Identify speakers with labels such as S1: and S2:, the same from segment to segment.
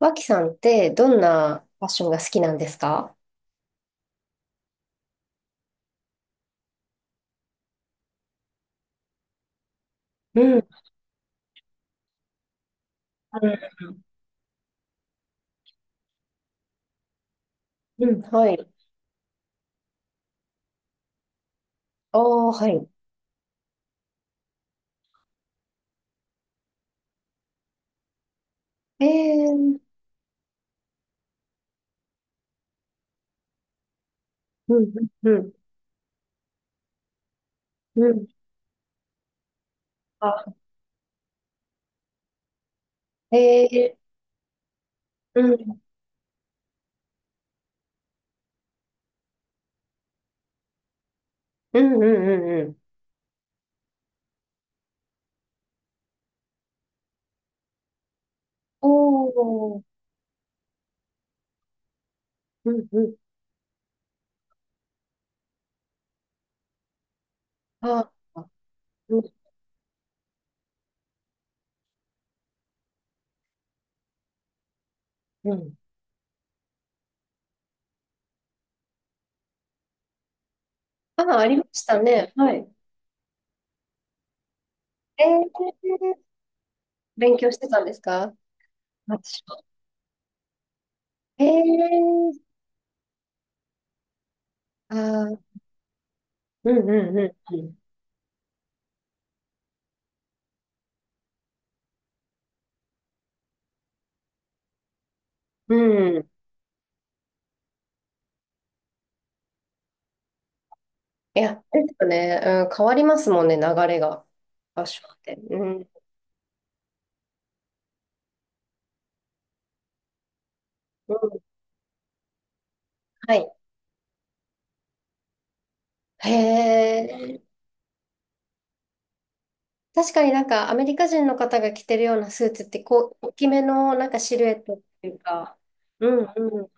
S1: 脇さんってどんなファッションが好きなんですか？うん、うん、うん、はい。おー、はい。えー、うん、うん、うん。あ、えー、うん、うん、うん、うんうん。おー、うん、うん。あ、うん、うん。あ、ありましたね。はい。えー、勉強してたんですか？ファッション。えー、あー、うん、うん、うん、うん。うん。いや、ですよね。うん、変わりますもんね、流れが。ファッションって。うん、はい。へえ。確かになんかアメリカ人の方が着てるようなスーツってこう、大きめのなんかシルエットっていうか。うんうん。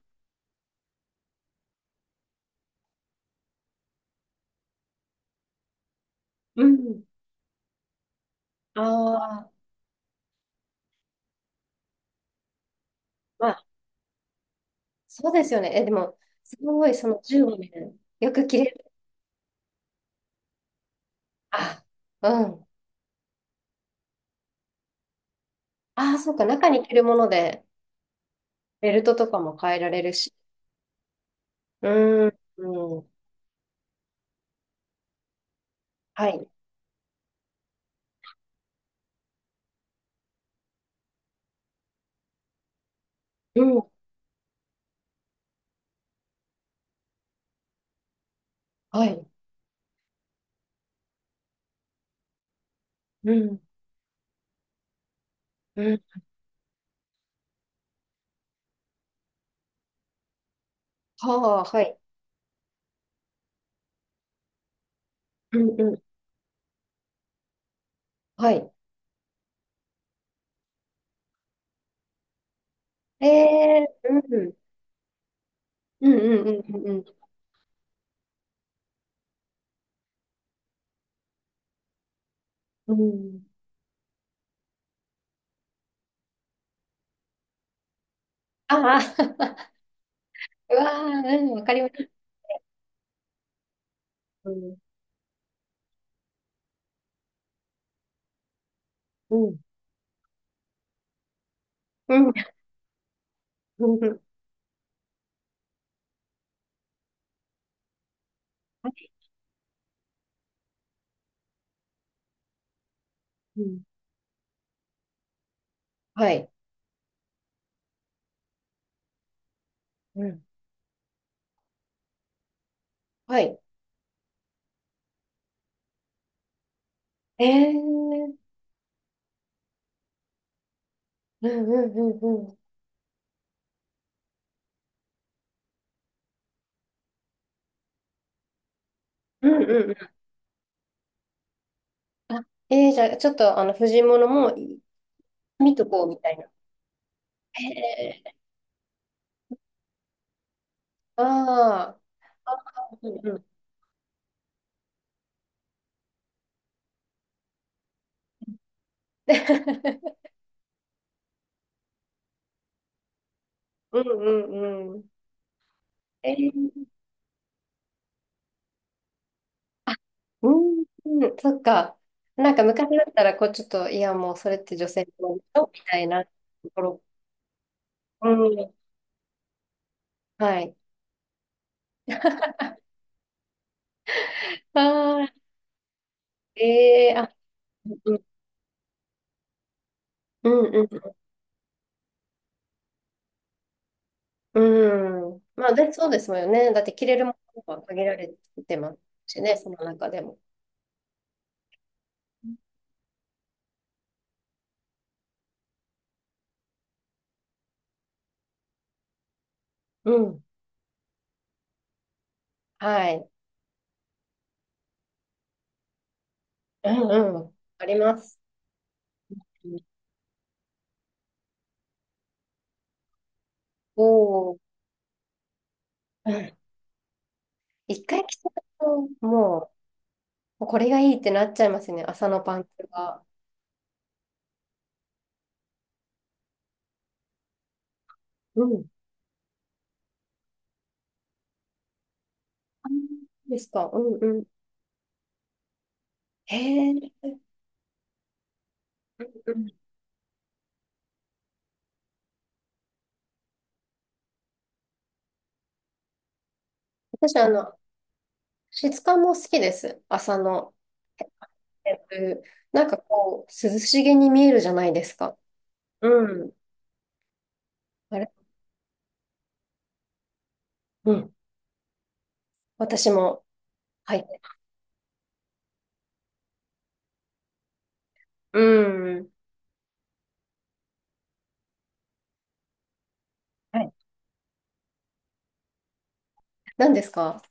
S1: うん。ああ、まあ、そうですよね。え、でも、すごいその15年、よく着れる。あ、うん。ああ、そうか。中に着るもので、ベルトとかも変えられるし。うん。うん。はい。うん。はい。うん。うん。はあ、はい。うんうん。はい。ええ、うん。うんうんうんうんうん。ああ、うわあ、うん、わかります。うん、うん、うん、うん、うん、はい、うん、はい。ええー、うん、うん、うん、うん、うん、うん。うん、あ、じゃあ、ちょっと、あの、藤物も見とこうみたいな。えー、ああ、あうん、うん。うん、うん、うん。えー、あ、うん、うん、そっか。なんか昔だったら、こう、ちょっと、いや、もう、それって女性のものみたいなところ。うん、はい。ああ、ええ、あ、うん、うん、うん。うん、まあ、で、そうですよね。だって着れるものが限られてますしね、その中でも。うん。はい。うん、うん。あります。おお、うん、一回着ちゃうと、もう、もうこれがいいってなっちゃいますよね、朝のパンツが。うん。あ、ですか。うんうん。へえ。うんうん、私、あの、質感も好きです。朝の。えっとなんかこう、涼しげに見えるじゃないですか。うん。あれ、うん。私も履いて。うん。はい。何ですか？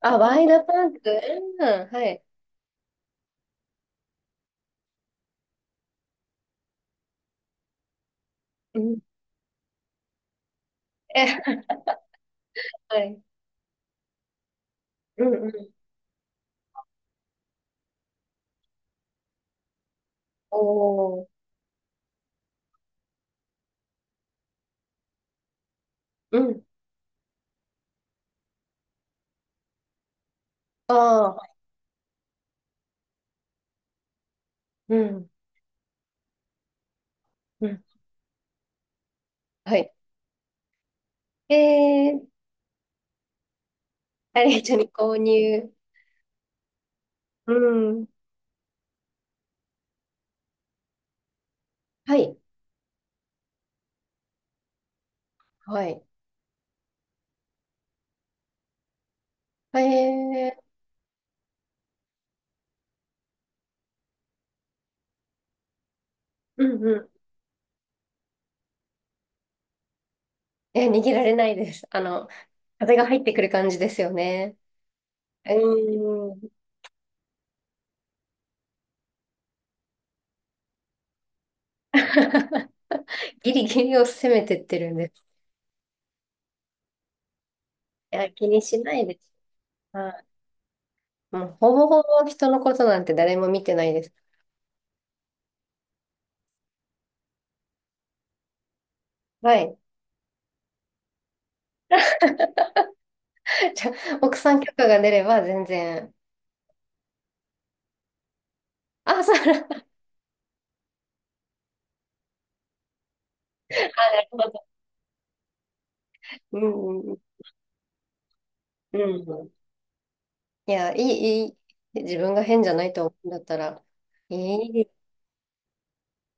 S1: あ、ワイドパンツ。うん、はい。うん。え、はい。うん。うん。おー。うん。ああ、うん。うん、はい。えー、ありがとうに購入。うん。はい。はい。えー、うん。うん、え、逃げられないです。あの、風が入ってくる感じですよね。うん。ギリギリを攻めてってるんです。いや、気にしないです。はい。もう、ほぼほぼ人のことなんて誰も見てないです。はい。じゃあ、奥さん許可が出れば全然。あ、そうなるほど。うんうんうん。うん。いや、いい、いい。自分が変じゃないと思うんだったら、いい。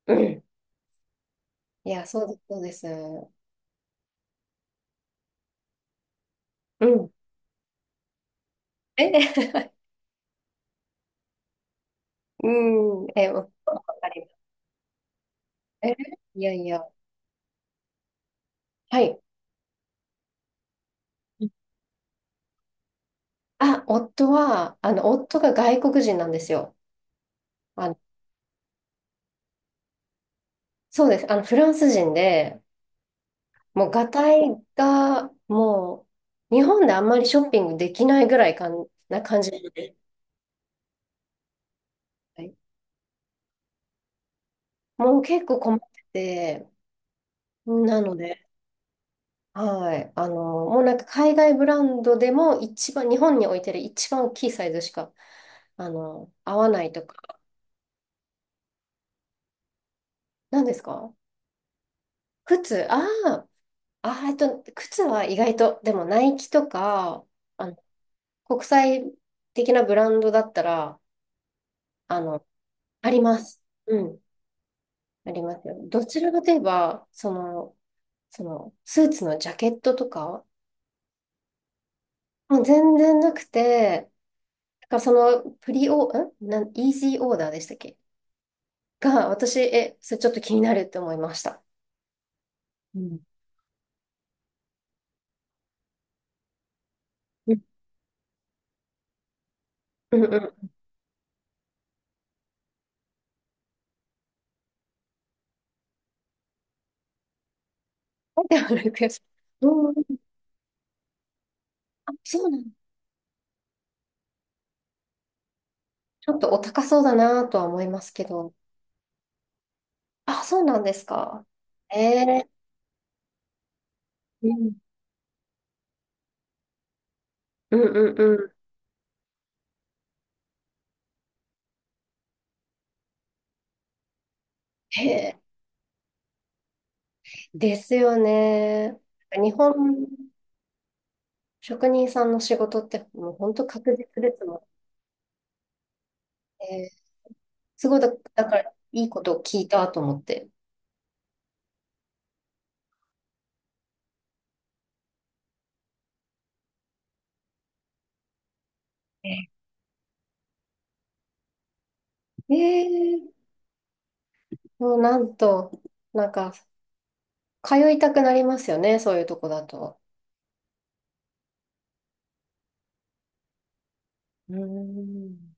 S1: うん。いや、そうです、そうです。うん。え、うん。え、わかります。え、いやいや。はい。あ、夫は、あの、夫が外国人なんですよ。あ、そうです。あの、フランス人で、もう、ガタイが、もう、日本であんまりショッピングできないぐらいかんな感じで、はい、もう結構困ってて、なので、はい。あの、もうなんか海外ブランドでも一番、日本に置いてる一番大きいサイズしか、あの、合わないとか。何ですか？靴、ああ、靴は意外と、でもナイキとか、あの、国際的なブランドだったら、あの、あります。うん。ありますよ。どちらかといえば、その、スーツのジャケットとか、もう全然なくて、だからその、プリオ、んなん、イージーオーダーでしたっけ？が、私、え、それちょっと気になるって思いました。うん。うんうんうん。でもなんか、うん、あ、そうなの。ちょっとお高そうだなとは思いますけど。あ、そうなんですか。ええ、うんうんうんうん。へえ、ですよね。日本職人さんの仕事ってもう本当確実ですもんね。すごいだ、だからいいことを聞いたと思って。ええ、もうなんか通いたくなりますよね、そういうとこだと。うーん